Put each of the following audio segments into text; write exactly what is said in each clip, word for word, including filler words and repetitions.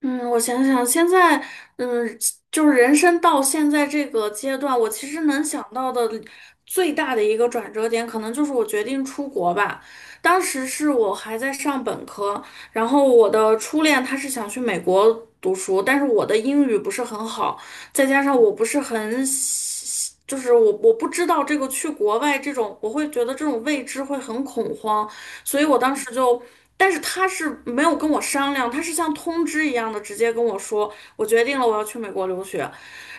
嗯，我想想，现在，嗯，就是人生到现在这个阶段，我其实能想到的最大的一个转折点，可能就是我决定出国吧。当时是我还在上本科，然后我的初恋他是想去美国读书，但是我的英语不是很好，再加上我不是很就是我我不知道这个去国外这种，我会觉得这种未知会很恐慌，所以我当时就，但是他是没有跟我商量，他是像通知一样的直接跟我说，我决定了我要去美国留学，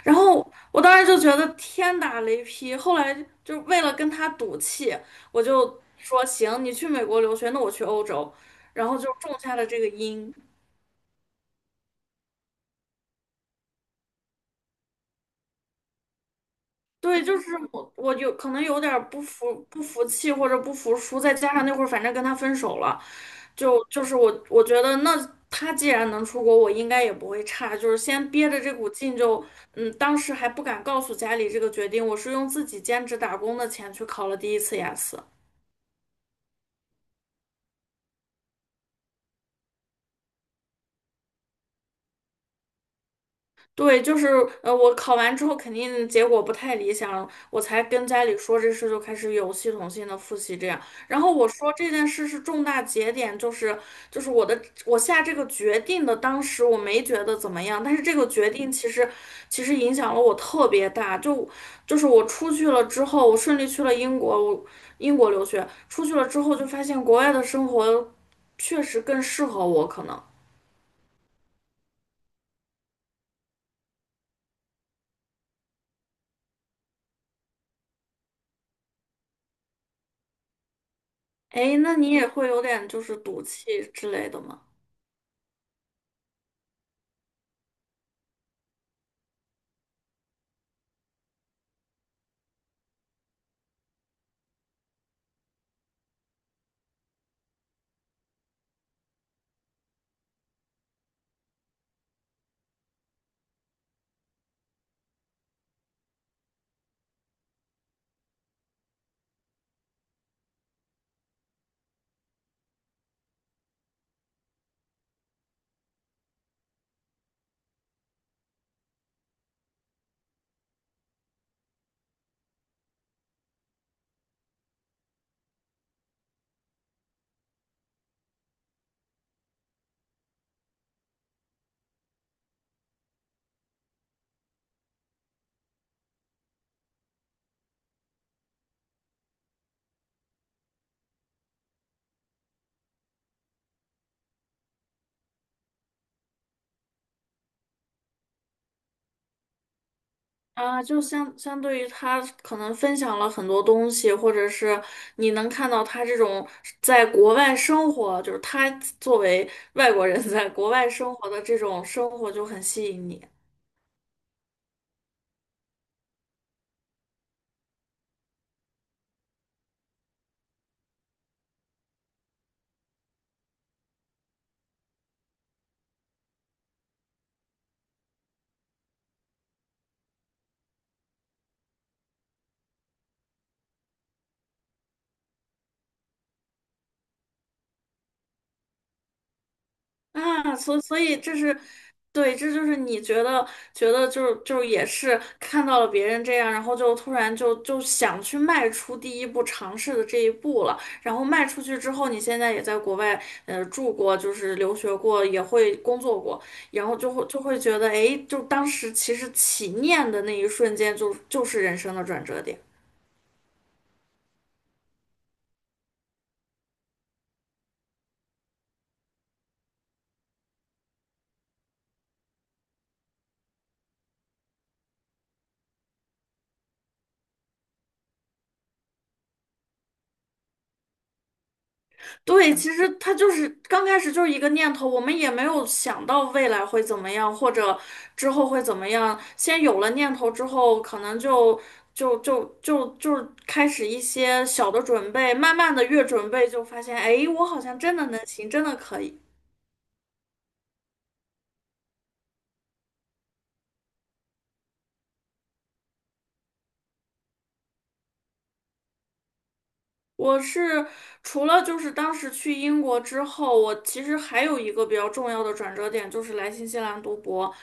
然后我当时就觉得天打雷劈，后来就为了跟他赌气，我就说行，你去美国留学，那我去欧洲，然后就种下了这个因。对，就是我，我有可能有点儿不服不服气或者不服输，再加上那会儿反正跟他分手了，就就是我我觉得那他既然能出国，我应该也不会差，就是先憋着这股劲就，嗯，当时还不敢告诉家里这个决定，我是用自己兼职打工的钱去考了第一次雅思。对，就是呃，我考完之后肯定结果不太理想，我才跟家里说这事，就开始有系统性的复习这样。然后我说这件事是重大节点，就是就是我的我下这个决定的，当时我没觉得怎么样，但是这个决定其实其实影响了我特别大，就就是我出去了之后，我顺利去了英国，我英国留学，出去了之后就发现国外的生活确实更适合我，可能。哎，那你也会有点就是赌气之类的吗？啊，就相相对于他可能分享了很多东西，或者是你能看到他这种在国外生活，就是他作为外国人在国外生活的这种生活就很吸引你。啊，所所以这是，对，这就是你觉得觉得就是就是也是看到了别人这样，然后就突然就就想去迈出第一步，尝试的这一步了。然后迈出去之后，你现在也在国外呃住过，就是留学过，也会工作过，然后就会就会觉得，哎，就当时其实起念的那一瞬间就就是人生的转折点。对，其实他就是刚开始就是一个念头，我们也没有想到未来会怎么样，或者之后会怎么样。先有了念头之后，可能就就就就就开始一些小的准备，慢慢的越准备就发现，哎，我好像真的能行，真的可以。我是除了就是当时去英国之后，我其实还有一个比较重要的转折点，就是来新西兰读博。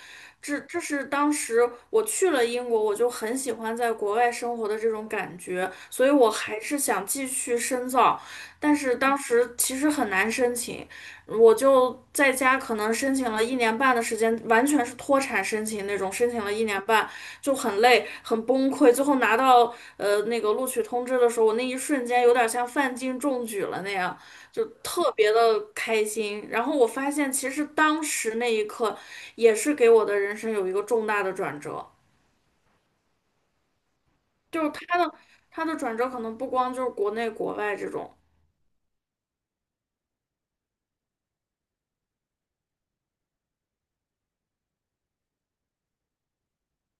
这这是当时我去了英国，我就很喜欢在国外生活的这种感觉，所以我还是想继续深造。但是当时其实很难申请，我就在家可能申请了一年半的时间，完全是脱产申请那种，申请了一年半就很累，很崩溃，最后拿到。呃那个录取通知的时候，我那一瞬间有点像范进中举了那样，就特别的开心。然后我发现，其实当时那一刻也是给我的人生有一个重大的转折，就是他的他的转折可能不光就是国内国外这种，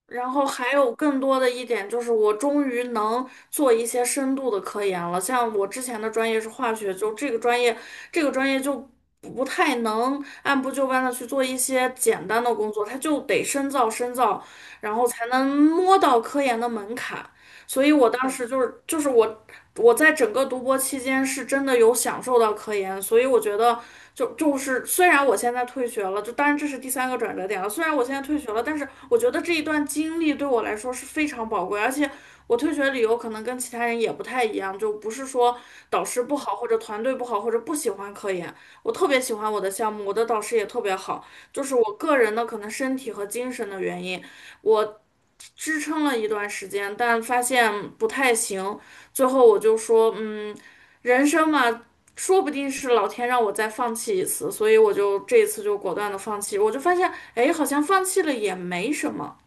然后还有更多的一点就是，我终于能做一些深度的科研了。像我之前的专业是化学，就这个专业，这个专业就不太能按部就班的去做一些简单的工作，它就得深造深造，然后才能摸到科研的门槛。所以我当时就是就是我我在整个读博期间是真的有享受到科研，所以我觉得就就是虽然我现在退学了，就当然这是第三个转折点了，虽然我现在退学了，但是我觉得这一段经历对我来说是非常宝贵，而且我退学理由可能跟其他人也不太一样，就不是说导师不好或者团队不好或者不喜欢科研，我特别喜欢我的项目，我的导师也特别好，就是我个人的可能身体和精神的原因。我支撑了一段时间，但发现不太行。最后我就说，嗯，人生嘛，说不定是老天让我再放弃一次，所以我就这一次就果断的放弃。我就发现，哎，好像放弃了也没什么，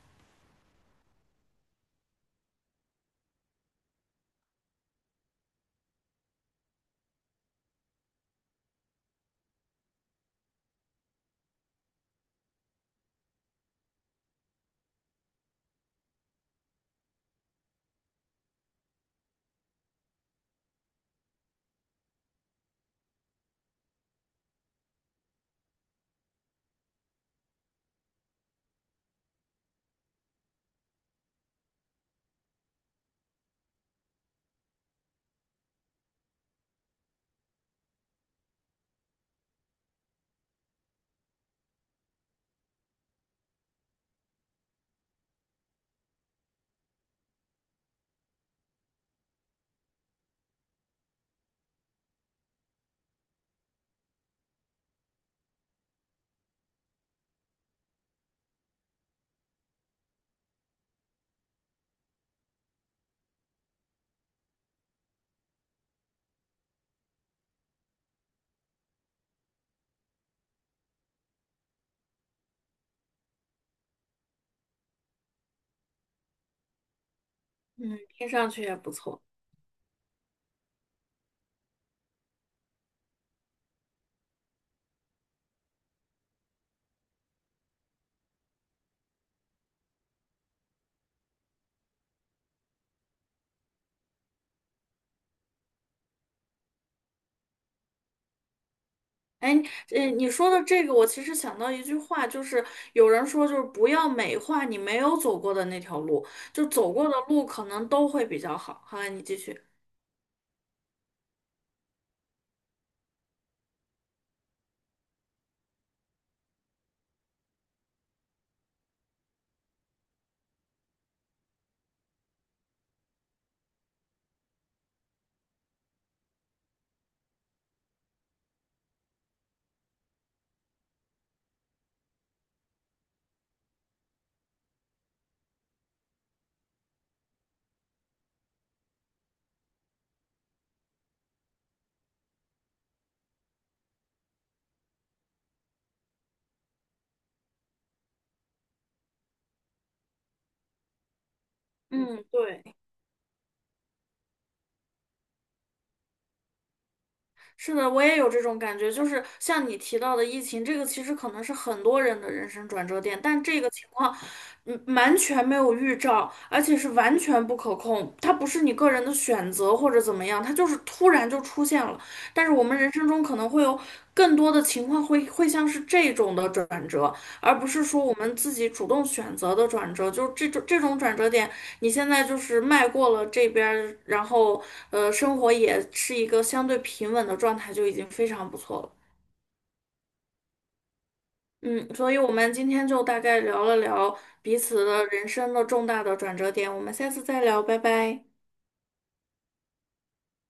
嗯，听上去也不错。哎，呃，你说的这个，我其实想到一句话，就是有人说，就是不要美化你没有走过的那条路，就走过的路可能都会比较好。好，你继续。嗯，对。是的，我也有这种感觉，就是像你提到的疫情，这个其实可能是很多人的人生转折点，但这个情况，嗯，完全没有预兆，而且是完全不可控，它不是你个人的选择或者怎么样，它就是突然就出现了。但是我们人生中可能会有更多的情况会会像是这种的转折，而不是说我们自己主动选择的转折，就是这种这种转折点，你现在就是迈过了这边儿，然后呃，生活也是一个相对平稳的状态，就已经非常不错了。嗯，所以我们今天就大概聊了聊彼此的人生的重大的转折点，我们下次再聊，拜拜。